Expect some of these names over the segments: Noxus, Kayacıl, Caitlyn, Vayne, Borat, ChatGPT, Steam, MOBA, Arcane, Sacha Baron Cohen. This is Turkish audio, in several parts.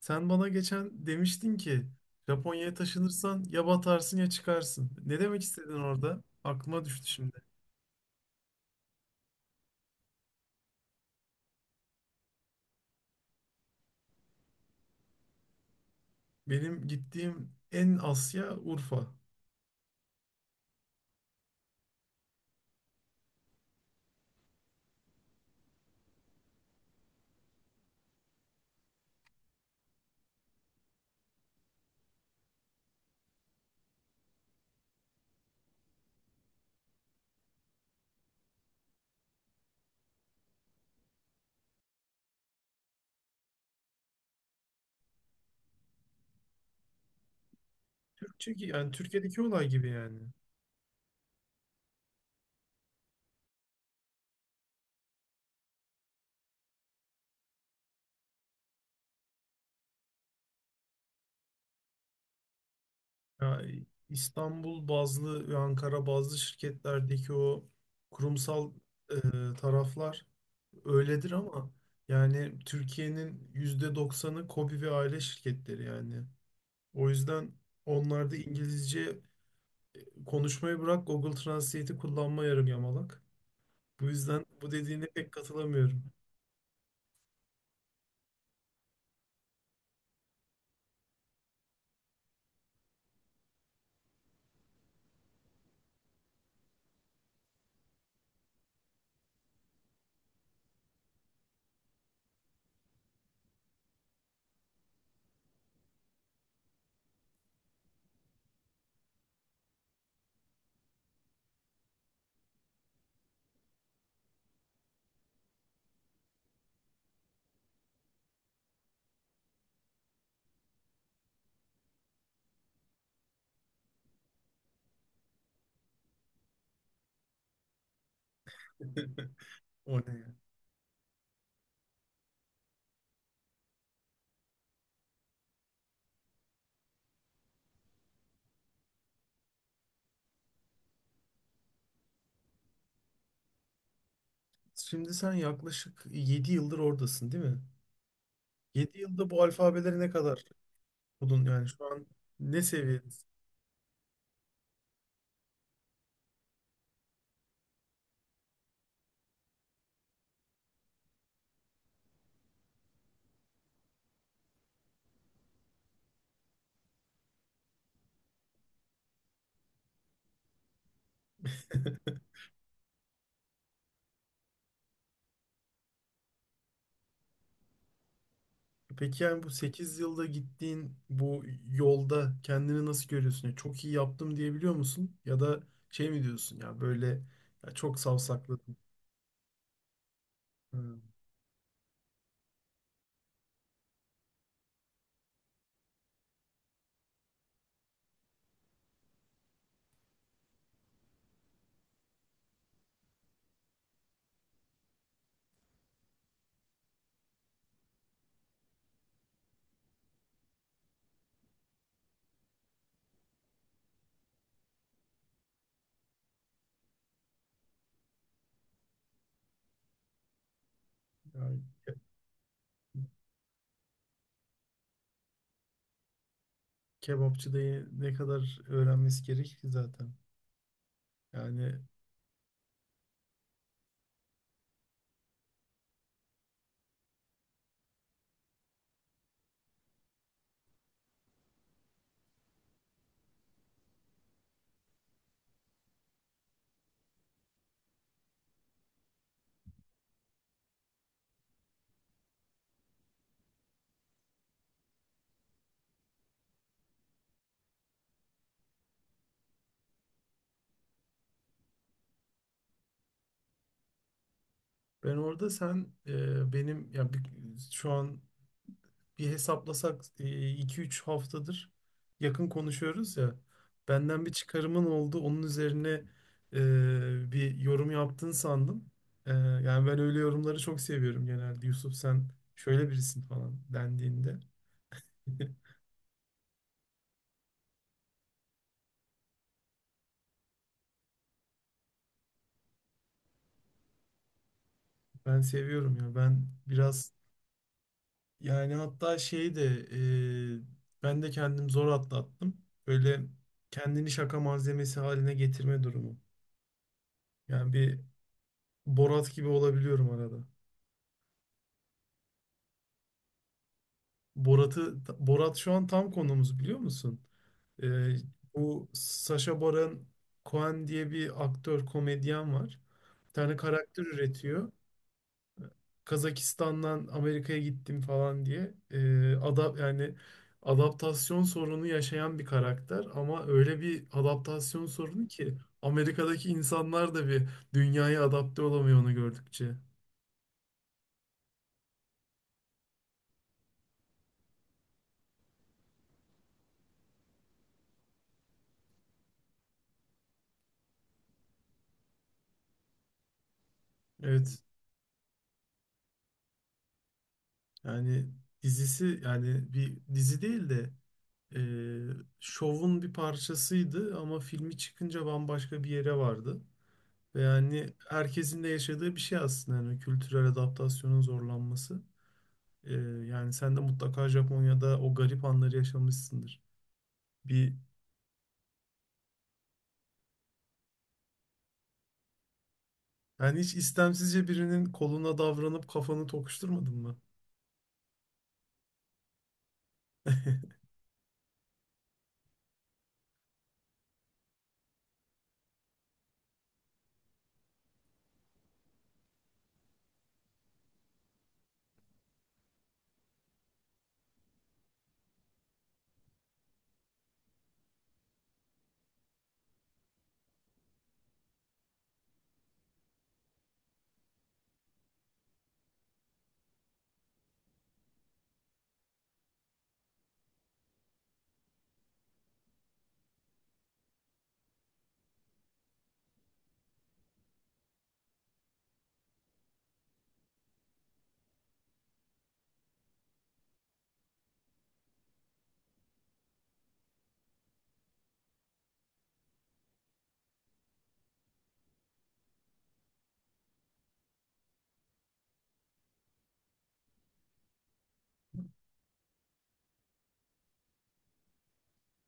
Sen bana geçen demiştin ki Japonya'ya taşınırsan ya batarsın ya çıkarsın. Ne demek istedin orada? Aklıma düştü şimdi. Benim gittiğim en Asya Urfa. Türkçe ki yani Türkiye'deki olay gibi yani. Ya İstanbul bazlı ve Ankara bazlı şirketlerdeki o kurumsal e, taraflar öyledir ama yani Türkiye'nin %90'ı KOBİ ve aile şirketleri yani. O yüzden onlarda İngilizce konuşmayı bırak, Google Translate'i kullanma yarım yamalak. Bu yüzden bu dediğine pek katılamıyorum. O ne ya? Şimdi sen yaklaşık 7 yıldır oradasın değil mi? 7 yılda bu alfabeleri ne kadar buldun, yani şu an ne seviyedesin? Peki yani bu 8 yılda gittiğin bu yolda kendini nasıl görüyorsun? Yani çok iyi yaptım diyebiliyor musun? Ya da şey mi diyorsun, ya böyle ya çok savsakladım. Ha, yani kebapçıda ne kadar öğrenmesi gerek ki zaten. Yani ben orada sen benim ya şu an bir hesaplasak 2 3 haftadır yakın konuşuyoruz ya. Benden bir çıkarımın oldu. Onun üzerine bir yorum yaptın sandım. Yani ben öyle yorumları çok seviyorum genelde. Yusuf sen şöyle birisin falan dendiğinde. Ben seviyorum ya. Ben biraz yani hatta şey de ben de kendim zor atlattım. Böyle kendini şaka malzemesi haline getirme durumu. Yani bir Borat gibi olabiliyorum arada. Borat'ı Borat şu an tam konumuz, biliyor musun? E, bu Sacha Baron Cohen diye bir aktör komedyen var. Bir tane karakter üretiyor. Kazakistan'dan Amerika'ya gittim falan diye adaptasyon sorunu yaşayan bir karakter, ama öyle bir adaptasyon sorunu ki Amerika'daki insanlar da bir dünyaya adapte olamıyor onu gördükçe. Evet, yani dizisi, yani bir dizi değil de e, şovun bir parçasıydı ama filmi çıkınca bambaşka bir yere vardı. Ve yani herkesin de yaşadığı bir şey aslında, yani kültürel adaptasyonun zorlanması. Ee, yani sen de mutlaka Japonya'da o garip anları yaşamışsındır. Bir Yani hiç istemsizce birinin koluna davranıp kafanı tokuşturmadın mı?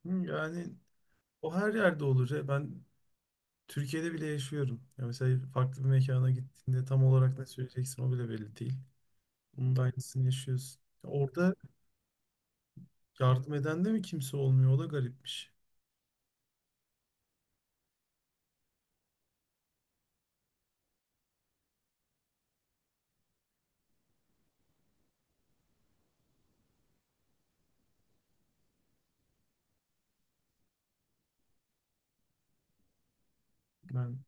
Hı, yani o her yerde olur ya. Ben Türkiye'de bile yaşıyorum. Ya mesela farklı bir mekana gittiğinde tam olarak ne söyleyeceksin o bile belli değil. Bunun da aynısını yaşıyorsun. Ya, orada yardım eden de mi kimse olmuyor? O da garipmiş. Ben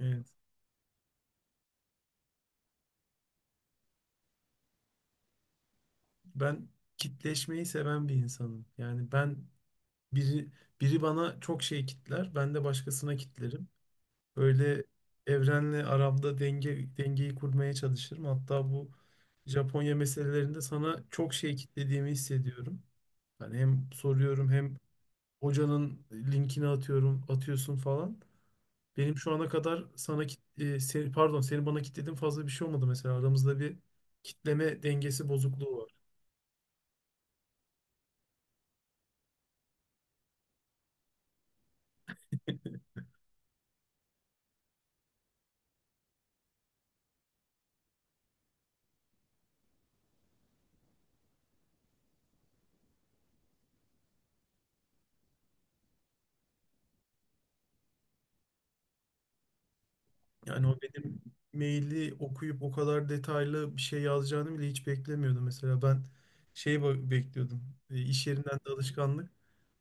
evet. Ben kitleşmeyi seven bir insanım. Yani ben, Biri, biri bana çok şey kitler, ben de başkasına kitlerim. Böyle evrenle aramda dengeyi kurmaya çalışırım. Hatta bu Japonya meselelerinde sana çok şey kitlediğimi hissediyorum. Hani hem soruyorum, hem hocanın linkini atıyorum, atıyorsun falan. Benim şu ana kadar seni, pardon seni bana kitlediğim fazla bir şey olmadı mesela. Aramızda bir kitleme dengesi bozukluğu var. Yani o benim maili okuyup o kadar detaylı bir şey yazacağını bile hiç beklemiyordum. Mesela ben şey bekliyordum. E, iş yerinden de alışkanlık.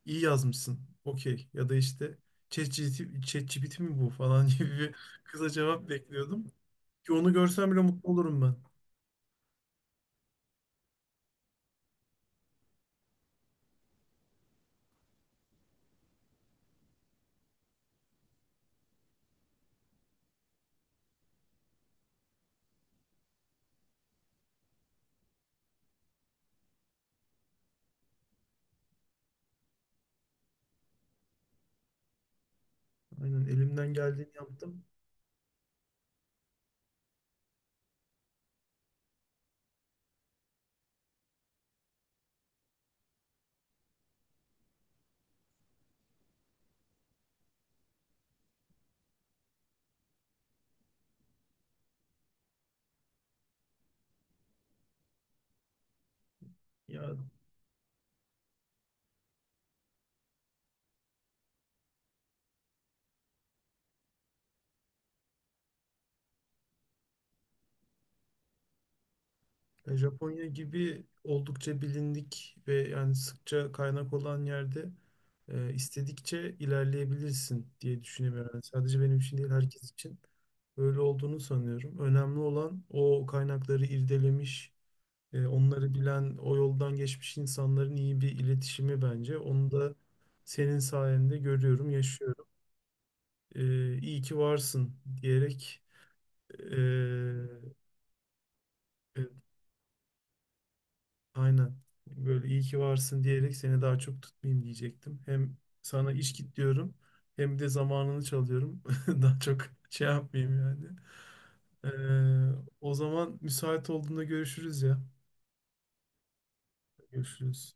İyi yazmışsın. Okey. Ya da işte ChatGPT mi bu falan gibi bir kısa cevap bekliyordum. Ki onu görsem bile mutlu olurum ben. Aynen elimden geldiğini yaptım. Ya Japonya gibi oldukça bilindik ve yani sıkça kaynak olan yerde istedikçe ilerleyebilirsin diye düşünüyorum. Yani sadece benim için değil, herkes için öyle olduğunu sanıyorum. Önemli olan o kaynakları irdelemiş, onları bilen, o yoldan geçmiş insanların iyi bir iletişimi bence. Onu da senin sayende görüyorum, yaşıyorum. İyi ki varsın diyerek e, e, aynen. Böyle iyi ki varsın diyerek seni daha çok tutmayayım diyecektim. Hem sana iş git diyorum hem de zamanını çalıyorum. Daha çok şey yapmayayım yani. Ee, O zaman müsait olduğunda görüşürüz ya. Görüşürüz.